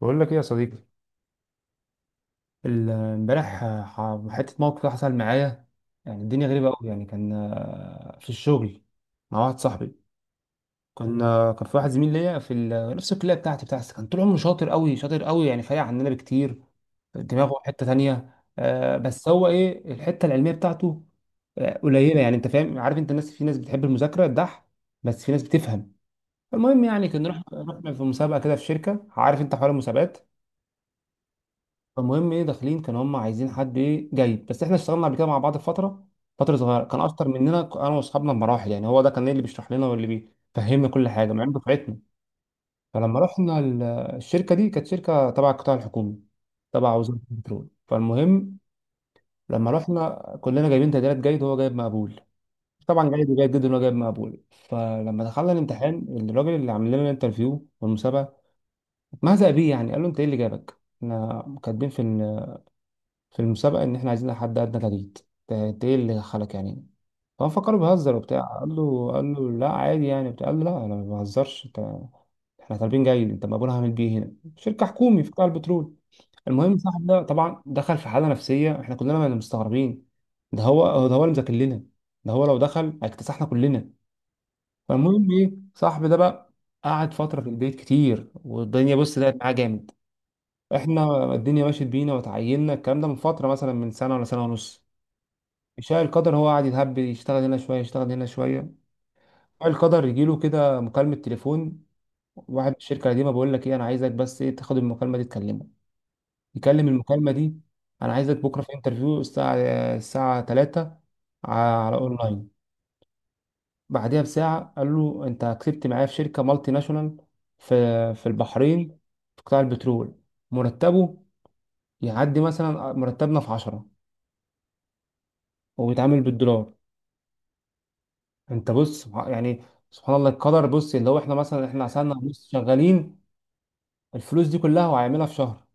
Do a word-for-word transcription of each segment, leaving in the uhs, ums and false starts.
بقول لك ايه يا صديقي؟ ال- امبارح آه، ح- حتة موقف كده حصل معايا. يعني الدنيا غريبة أوي. يعني كان آه، في الشغل مع واحد صاحبي. كان آه، كان في واحد زميل ليا في ال- نفس الكلية بتاعتي، بتاع الس- كان طول عمره شاطر أوي شاطر أوي، يعني فارق عننا بكتير، دماغه حتة تانية. آه، بس هو إيه؟ الحتة العلمية بتاعته آه، قليلة. يعني أنت فاهم، عارف أنت الناس؟ في ناس بتحب المذاكرة الدح بس في ناس بتفهم. المهم يعني كنا رحنا رحنا في مسابقة كده في شركة. عارف أنت حوار المسابقات؟ فالمهم ايه، داخلين كانوا هم عايزين حد ايه؟ جيد. بس احنا اشتغلنا قبل كده مع بعض فتره فتره صغيره، كان اشطر مننا انا واصحابنا بمراحل. يعني هو ده كان إيه اللي بيشرح لنا واللي بيفهمنا كل حاجه، مع انه دفعتنا. فلما رحنا ال- الشركه دي، كانت شركه تبع القطاع الحكومي، تبع وزاره البترول. فالمهم لما رحنا كلنا جايبين تقديرات جيد، وهو جايب مقبول. طبعا جيد وجيد جدا وهو جايب مقبول. فلما دخلنا الامتحان، الراجل اللي عامل لنا الانترفيو والمسابقه اتمهزأ بيه. يعني قال له: انت ايه اللي جابك؟ احنا كاتبين في في المسابقة إن إحنا عايزين حد أدنى تجديد. ده ده إيه اللي دخلك يعني؟ فهو فكره بيهزر وبتاع، قال له قال له: لا عادي يعني بتاع. قال له: لا أنا ما بهزرش، أنت إحنا طالبين جيد. أنت مقبول هعمل بيه هنا شركة حكومي في قطاع البترول؟ المهم صاحب ده طبعا دخل في حالة نفسية. إحنا كلنا مستغربين، ده هو ده هو اللي مذاكر لنا، ده هو لو دخل هيكتسحنا كلنا. فالمهم إيه صاحب ده بقى؟ قعد فترة في البيت كتير، والدنيا بص لقت معاه جامد. احنا الدنيا مشيت بينا وتعيننا، الكلام ده من فتره مثلا، من سنه ولا سنه ونص. شاء القدر هو قاعد يتهب، يشتغل هنا شويه يشتغل هنا شويه. شاء القدر يجيله كده مكالمه تليفون، واحد من الشركه القديمه بيقول لك ايه: انا عايزك بس ايه؟ تاخد المكالمه دي تكلمه، يكلم المكالمه دي. انا عايزك بكره في انترفيو الساعه الساعه تلاتة على اونلاين. بعدها بساعه قال له: انت كسبت معايا في شركه مالتي ناشونال في في البحرين في قطاع البترول. مرتبه يعدي مثلا مرتبنا في عشرة، وبيتعامل بالدولار. انت بص، سبح- يعني سبحان الله القدر. بص اللي هو احنا مثلا احنا عسلنا، بص شغالين الفلوس دي كلها وهيعملها في شهر.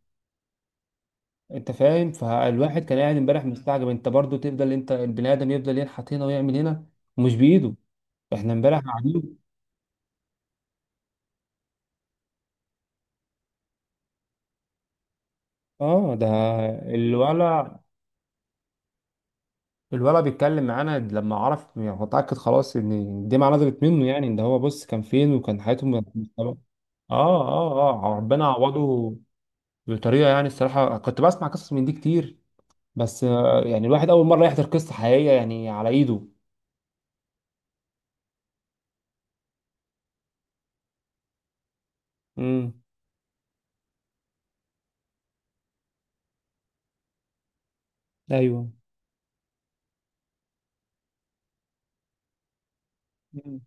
انت فاهم؟ فالواحد كان قاعد امبارح مستعجب. انت برضو تفضل، انت البني ادم يفضل ينحت هنا ويعمل هنا ومش بايده. احنا امبارح قاعدين. اه، ده الولا الولا بيتكلم معانا، لما عرف يعني هو اتاكد خلاص ان الدمعه نزلت منه، يعني ان هو بص كان فين وكان حياته. اه، اه، اه، ربنا عوضه بطريقه يعني. الصراحه كنت بسمع قصص من دي كتير، بس آه، يعني الواحد اول مره يحضر قصه حقيقيه يعني على ايده. امم. ايوه. مم.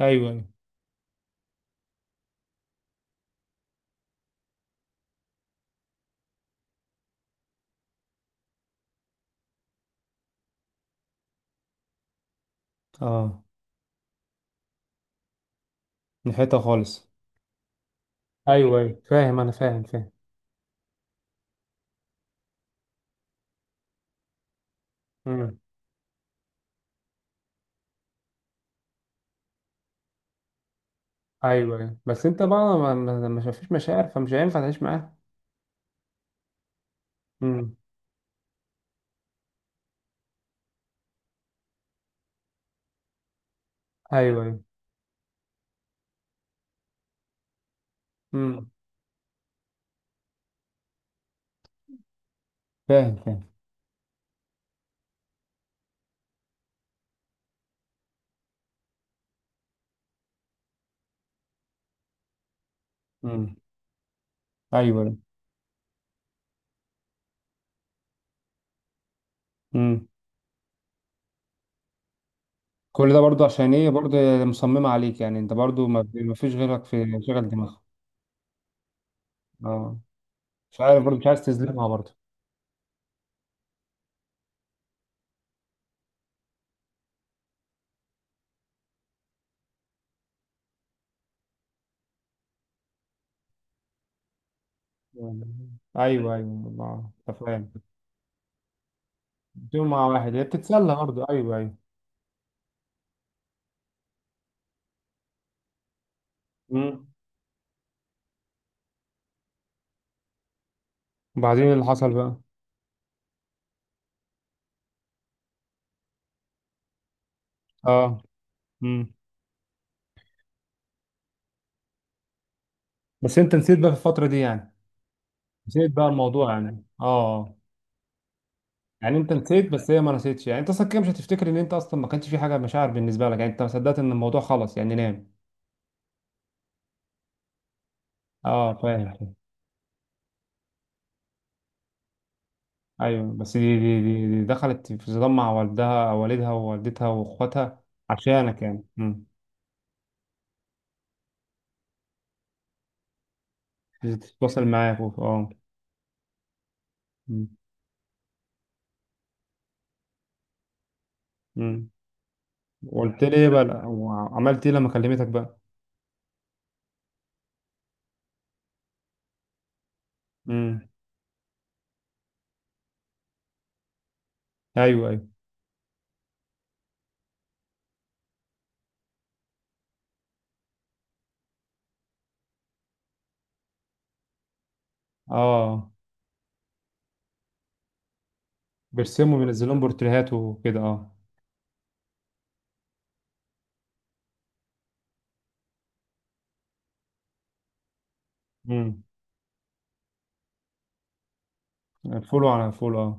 ايوه، ايوه. اه، من حته خالص. ايوه، ايوه، فاهم انا، فاهم، فاهم. مم. ايوه، ايوه. بس انت بقى ما ما- ما- ما فيش مشاعر، فمش هينفع تعيش معاه. مم. ايوه، ايوه. امم. فاهم، فاهم. مم. ايوه. مم. كل ده برضو عشان ايه برضو؟ مصممه عليك، يعني انت برضو ما ما فيش غيرك في شغل دماغك؟ اه، مش عارف، برضو مش عايز تظلمها برضو. مم. ايوه، ايوه، الله أنت فاهم. يوم مع واحد، هي بتتسلى برضه. ايوه، ايوه. مم. وبعدين إيه اللي حصل بقى؟ اه. امم. بس انت نسيت بقى في الفتره دي يعني، نسيت بقى الموضوع يعني؟ اه. يعني انت نسيت بس هي ما نسيتش. يعني انت اصلا كده مش هتفتكر ان انت اصلا ما كانش في حاجه مشاعر بالنسبه لك. يعني انت ما صدقت ان الموضوع خلص يعني، نام. اه، فاهم، فاهم. ايوه، بس دي دي دي, دي دخلت في صدام مع والدها والدها ووالدتها واخواتها عشانك يعني. امم. تتواصل معاك وف- اه. امم، امم. وقلت لي ايه بقى؟ وعملت ايه لما كلمتك بقى؟ ايوه، ايوه. اه، بيرسموا، بينزلون بورتريهات وكده، اه. امم. فولو على فولو. اه،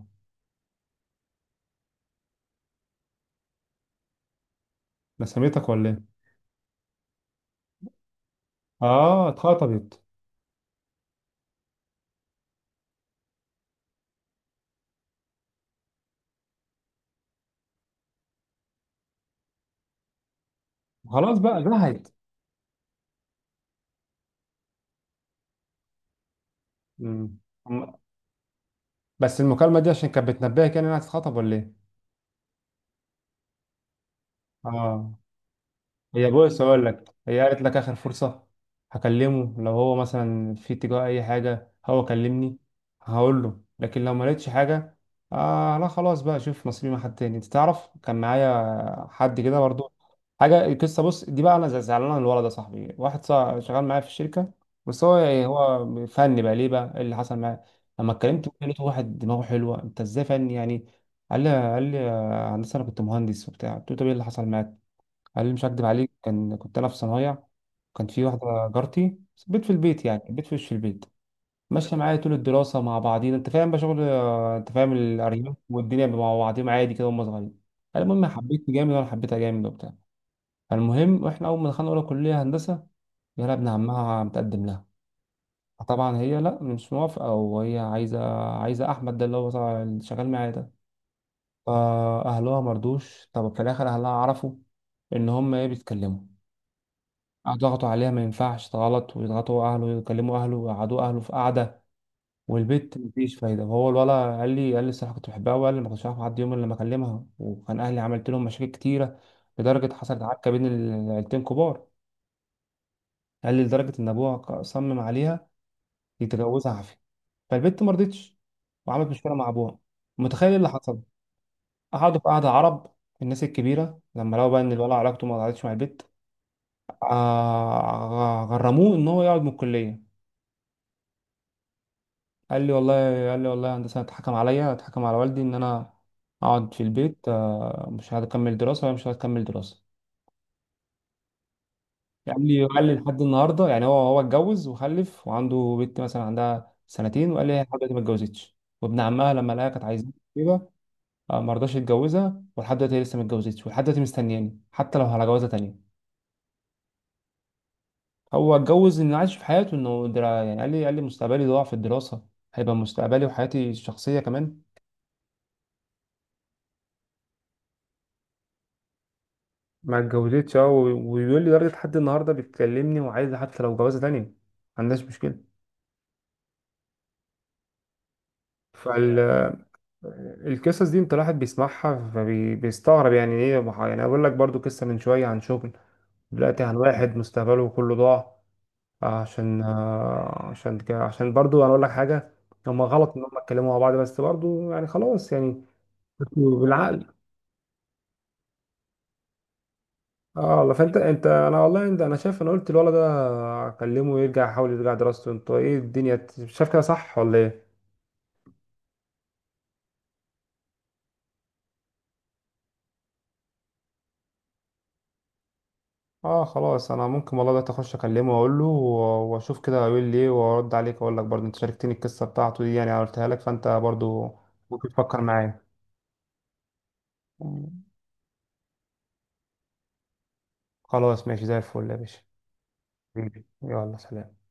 رسمتك ولا ايه؟ اه، اتخطبت. خلاص بقى جهت. امم. بس المكالمه دي عشان كانت بتنبهك، يعني انها هتتخطب ولا ايه؟ اه، هي بص هقول لك، هي قالت لك: اخر فرصه هكلمه، لو هو مثلا في اتجاه اي حاجه، هو كلمني هقول له. لكن لو ما لقيتش حاجه، آه لا، خلاص بقى، شوف نصيبي مع حد تاني. انت تعرف كان معايا حد كده برضو حاجه. القصه بص دي بقى: انا ز- زعلان على الولد ده صاحبي. واحد صاحب شغال معايا في الشركه، بس هو يعني هو فني بقى ليه بقى؟ إيه اللي حصل معاه؟ لما اتكلمت لقيته واحد دماغه حلوه. انت ازاي فني يعني؟ قال لي قال لي: آه، هندسه، انا كنت مهندس وبتاع. قلت له: طب ايه اللي حصل معاك؟ قال لي: مش هكدب عليك، كان كنت انا في صنايع. كان في واحده جارتي، بيت في البيت، يعني بيت في وش البيت، ماشيه معايا طول الدراسه مع بعضينا. انت فاهم بقى شغل، آه، انت فاهم الارياف والدنيا، مع بعضيهم عادي كده وهم صغيرين. قال: المهم حبيتني جامد، وانا حبيتها جامد وبتاع. فالمهم واحنا اول ما دخلنا اولى كليه هندسه، يلا ابن عمها متقدم لها. فطبعا هي لا، مش موافقه، وهي عايزه عايزه احمد ده اللي هو صاحب- اللي شغال معايا ده. فاهلها مرضوش. طب في الاخر اهلها عرفوا ان هم ايه بيتكلموا. ضغطوا عليها ما ينفعش غلط، ويضغطوا اهله ويكلموا اهله ويقعدوا اهله في قعده، والبيت مفيش فايده. فهو الولا قال لي قال لي: الصراحه كنت بحبها. وقال لي: ما كنتش عارف اعدي يوم إلا لما اكلمها، وكان اهلي عملت لهم مشاكل كتيره، لدرجه حصلت عركه بين العيلتين كبار. قال لي: لدرجه ان ابوها صمم عليها يتجوزها عافيه. فالبنت ما رضتش وعملت مشكله مع ابوها. متخيل إيه اللي حصل؟ قعدوا في قعده عرب، الناس الكبيره، لما لقوا بقى ان الولد علاقته ما ضاعتش مع البنت، آه، غرموه ان هو يقعد من الكليه. قال لي والله قال لي والله يا هندسة: اتحكم عليا، اتحكم على والدي ان انا اقعد في البيت، آه، مش هكمل دراسة، مش هكمل دراسة. قال لي قال لي: لحد النهاردة يعني، هو هو اتجوز وخلف وعنده بنت مثلا عندها سنتين. وقال لي: هي لحد دلوقتي ما اتجوزتش. وابن عمها لما لقاها كانت عايزاه كده، آه، ما رضاش يتجوزها. ولحد دلوقتي هي لسه ما اتجوزتش، ولحد دلوقتي مستنياني، حتى لو على جوازة تانية. هو اتجوز انه عايش في حياته، انه درا- يعني قال لي قال لي مستقبلي ضاع في الدراسة، هيبقى مستقبلي وحياتي الشخصية كمان. ما اتجوزتش. اه، و- ويقول لي لدرجة لحد النهاردة بيتكلمني، وعايز حتى لو جوازة تانية، ما عندهاش مشكلة. فالقصص دي، انت الواحد بيسمعها فبيستغرب، يعني ايه؟ ما ح- يعني اقول لك برضو قصة من شوية عن شغل، دلوقتي عن واحد مستقبله كله ضاع. عشان آه، عشان ك- عشان برضو انا اقول لك حاجة: هما غلط ان هما اتكلموا مع بعض، بس برضو يعني خلاص يعني، بالعقل. اه والله. فانت انت انا والله، انت انا شايف، انا قلت الولد ده اكلمه يرجع يحاول يرجع دراسته. انت ايه الدنيا ت- شايف كده صح ولا ايه؟ اه خلاص، انا ممكن والله، ده اخش اكلمه واقول له و- واشوف كده هيقول لي ايه، وارد عليك اقول لك برضه. انت شاركتني القصه بتاعته دي، يعني أنا قلتها لك فانت برضه ممكن تفكر معايا. خلاص ماشي زي الفل يا باشا. حبيبي، يلا سلام.